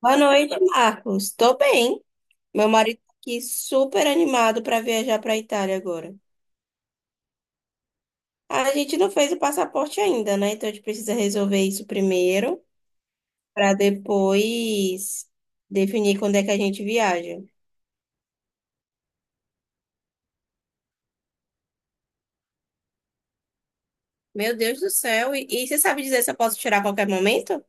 Boa noite, Marcos. Tô bem. Meu marido tá aqui super animado para viajar para Itália agora. A gente não fez o passaporte ainda, né? Então a gente precisa resolver isso primeiro para depois definir quando é que a gente viaja. Meu Deus do céu. E você sabe dizer se eu posso tirar a qualquer momento?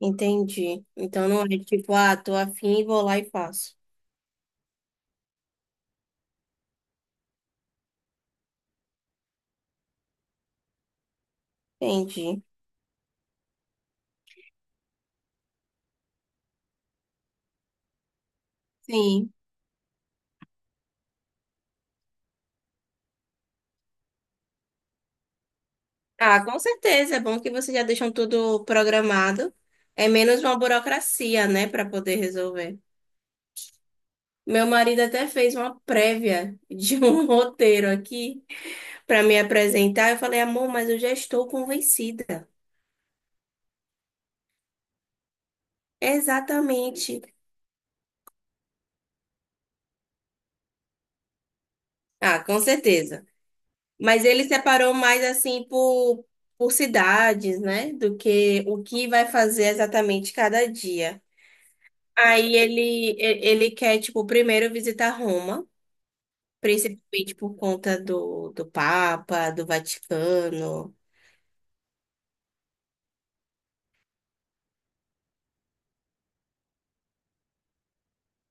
Entendi. Então não é tipo, ah, tô afim, vou lá e faço. Entendi. Sim. Ah, com certeza. É bom que vocês já deixam tudo programado. É menos uma burocracia, né, para poder resolver. Meu marido até fez uma prévia de um roteiro aqui para me apresentar. Eu falei, amor, mas eu já estou convencida. Exatamente. Ah, com certeza. Mas ele separou mais assim por cidades, né, do que o que vai fazer exatamente cada dia. Aí ele, Ele quer, tipo, primeiro visitar Roma. Principalmente por conta do Papa, do Vaticano.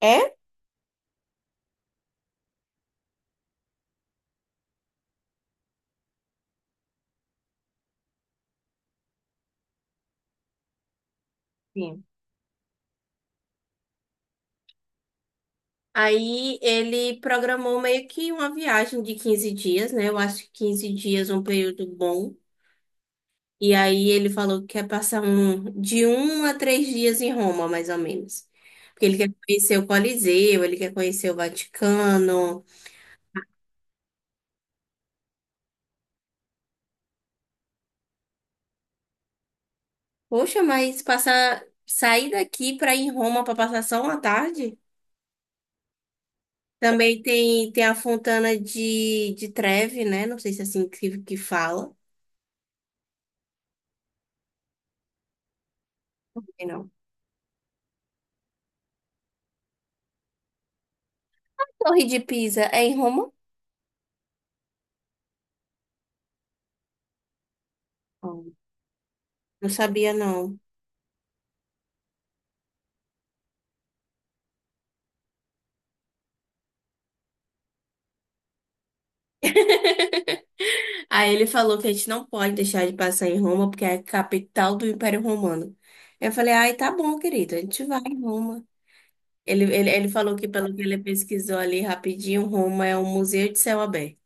É? Sim. Aí ele programou meio que uma viagem de 15 dias, né? Eu acho que 15 dias é um período bom. E aí ele falou que quer passar um, de 1 a 3 dias em Roma, mais ou menos. Porque ele quer conhecer o Coliseu, ele quer conhecer o Vaticano. Poxa, mas passar, sair daqui para ir em Roma para passar só uma tarde? Também tem a Fontana de Trevi, né? Não sei se é assim que fala. Sei não. Torre de Pisa é em Roma? Oh, não sabia, não. Aí ele falou que a gente não pode deixar de passar em Roma, porque é a capital do Império Romano. Eu falei, ai, tá bom, querido, a gente vai em Roma. Ele falou que, pelo que ele pesquisou ali rapidinho, Roma é um museu de céu aberto.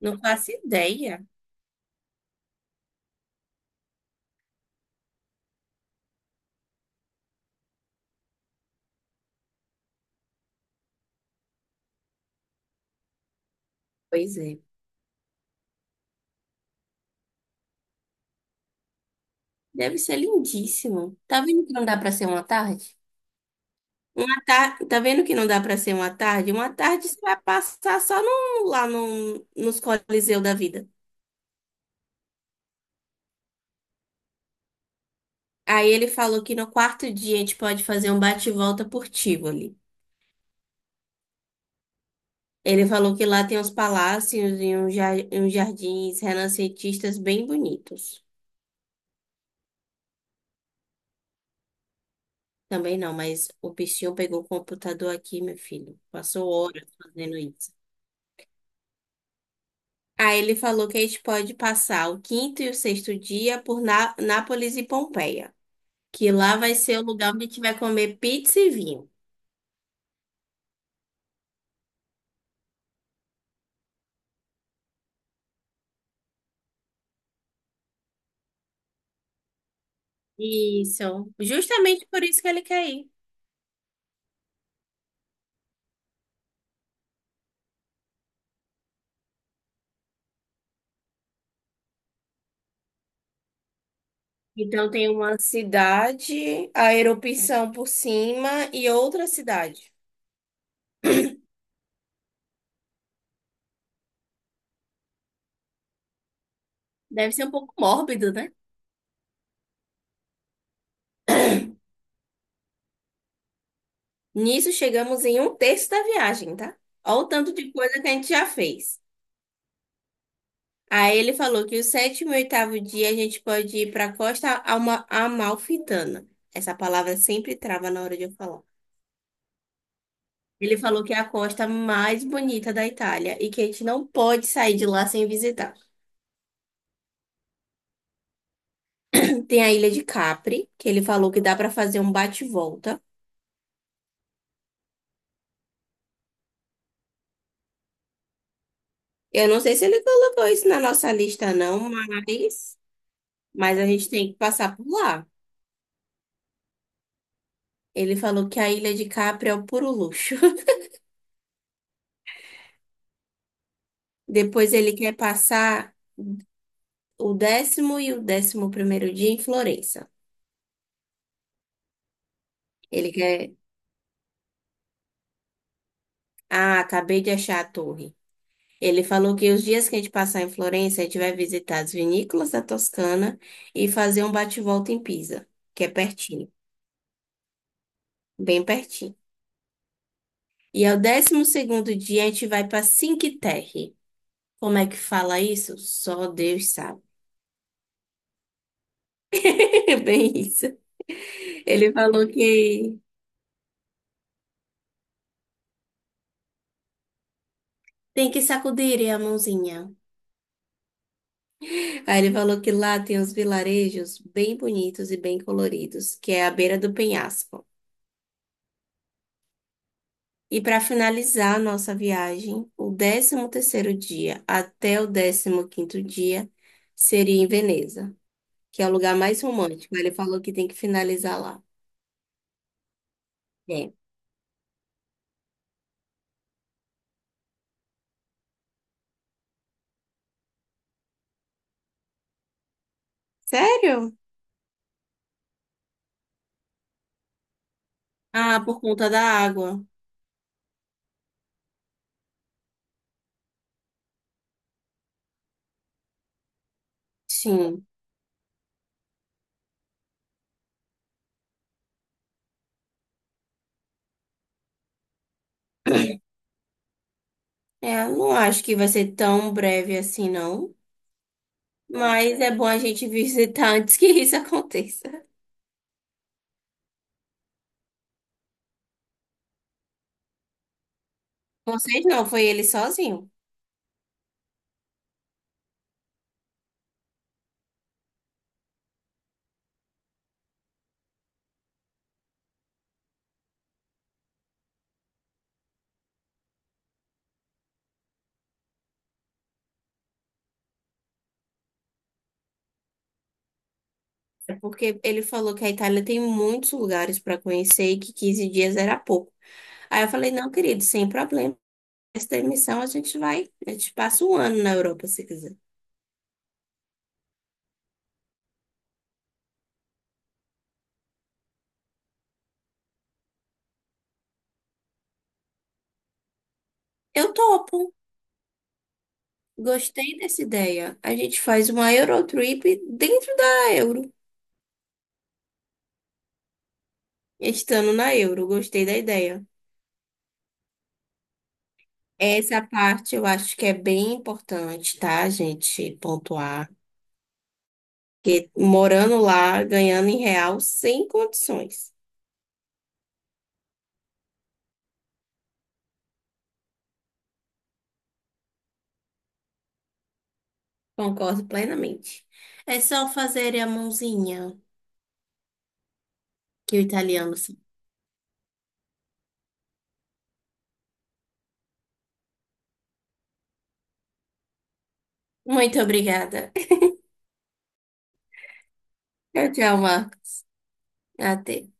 Não faço ideia. Pois é. Deve ser lindíssimo. Tá vendo que não dá pra ser uma tarde? Uma tarde, tá vendo que não dá para ser uma tarde? Uma tarde você vai passar só no, lá no, nos Coliseu da vida. Aí ele falou que no quarto dia a gente pode fazer um bate-volta por Tivoli. Ele falou que lá tem uns palácios e e uns jardins renascentistas bem bonitos. Também não, mas o bichinho pegou o computador aqui, meu filho. Passou horas fazendo isso. Aí ele falou que a gente pode passar o quinto e o sexto dia por Nápoles e Pompeia. Que lá vai ser o lugar onde a gente vai comer pizza e vinho. Isso, justamente por isso que ele quer ir. Então tem uma cidade, a erupção por cima e outra cidade. Deve ser um pouco mórbido, né? Nisso chegamos em um terço da viagem, tá? Olha o tanto de coisa que a gente já fez. Aí ele falou que o sétimo e oitavo dia a gente pode ir para a Costa Alma Amalfitana. Essa palavra sempre trava na hora de eu falar. Ele falou que é a costa mais bonita da Itália e que a gente não pode sair de lá sem visitar. Tem a Ilha de Capri, que ele falou que dá para fazer um bate-volta. Eu não sei se ele colocou isso na nossa lista, não, mas a gente tem que passar por lá. Ele falou que a Ilha de Capri é o puro luxo. Depois ele quer passar o 10º e o 11º dia em Florença. Ele quer. Ah, acabei de achar a torre. Ele falou que os dias que a gente passar em Florença, a gente vai visitar as vinícolas da Toscana e fazer um bate-volta em Pisa, que é pertinho, bem pertinho. E ao 12º dia, a gente vai para Cinque Terre. Como é que fala isso? Só Deus sabe. É bem isso. Ele falou que tem que sacudir a mãozinha. Aí ele falou que lá tem uns vilarejos bem bonitos e bem coloridos, que é à beira do penhasco. E para finalizar a nossa viagem, o 13º dia até o 15º dia seria em Veneza, que é o lugar mais romântico. Ele falou que tem que finalizar lá. É. Sério? Ah, por conta da água. Sim. É, eu não acho que vai ser tão breve assim, não. Mas é bom a gente visitar antes que isso aconteça. Vocês não, foi ele sozinho. É porque ele falou que a Itália tem muitos lugares para conhecer e que 15 dias era pouco. Aí eu falei, não, querido, sem problema. Essa emissão a gente vai, a gente passa um ano na Europa, se quiser. Eu topo, gostei dessa ideia. A gente faz uma Eurotrip dentro da Euro, estando na Euro, gostei da ideia. Essa parte eu acho que é bem importante, tá, gente? Pontuar. Porque morando lá, ganhando em real, sem condições. Concordo plenamente. É só fazer a mãozinha que o italiano sabe. Muito obrigada. Tchau, tchau, Marcos. Até.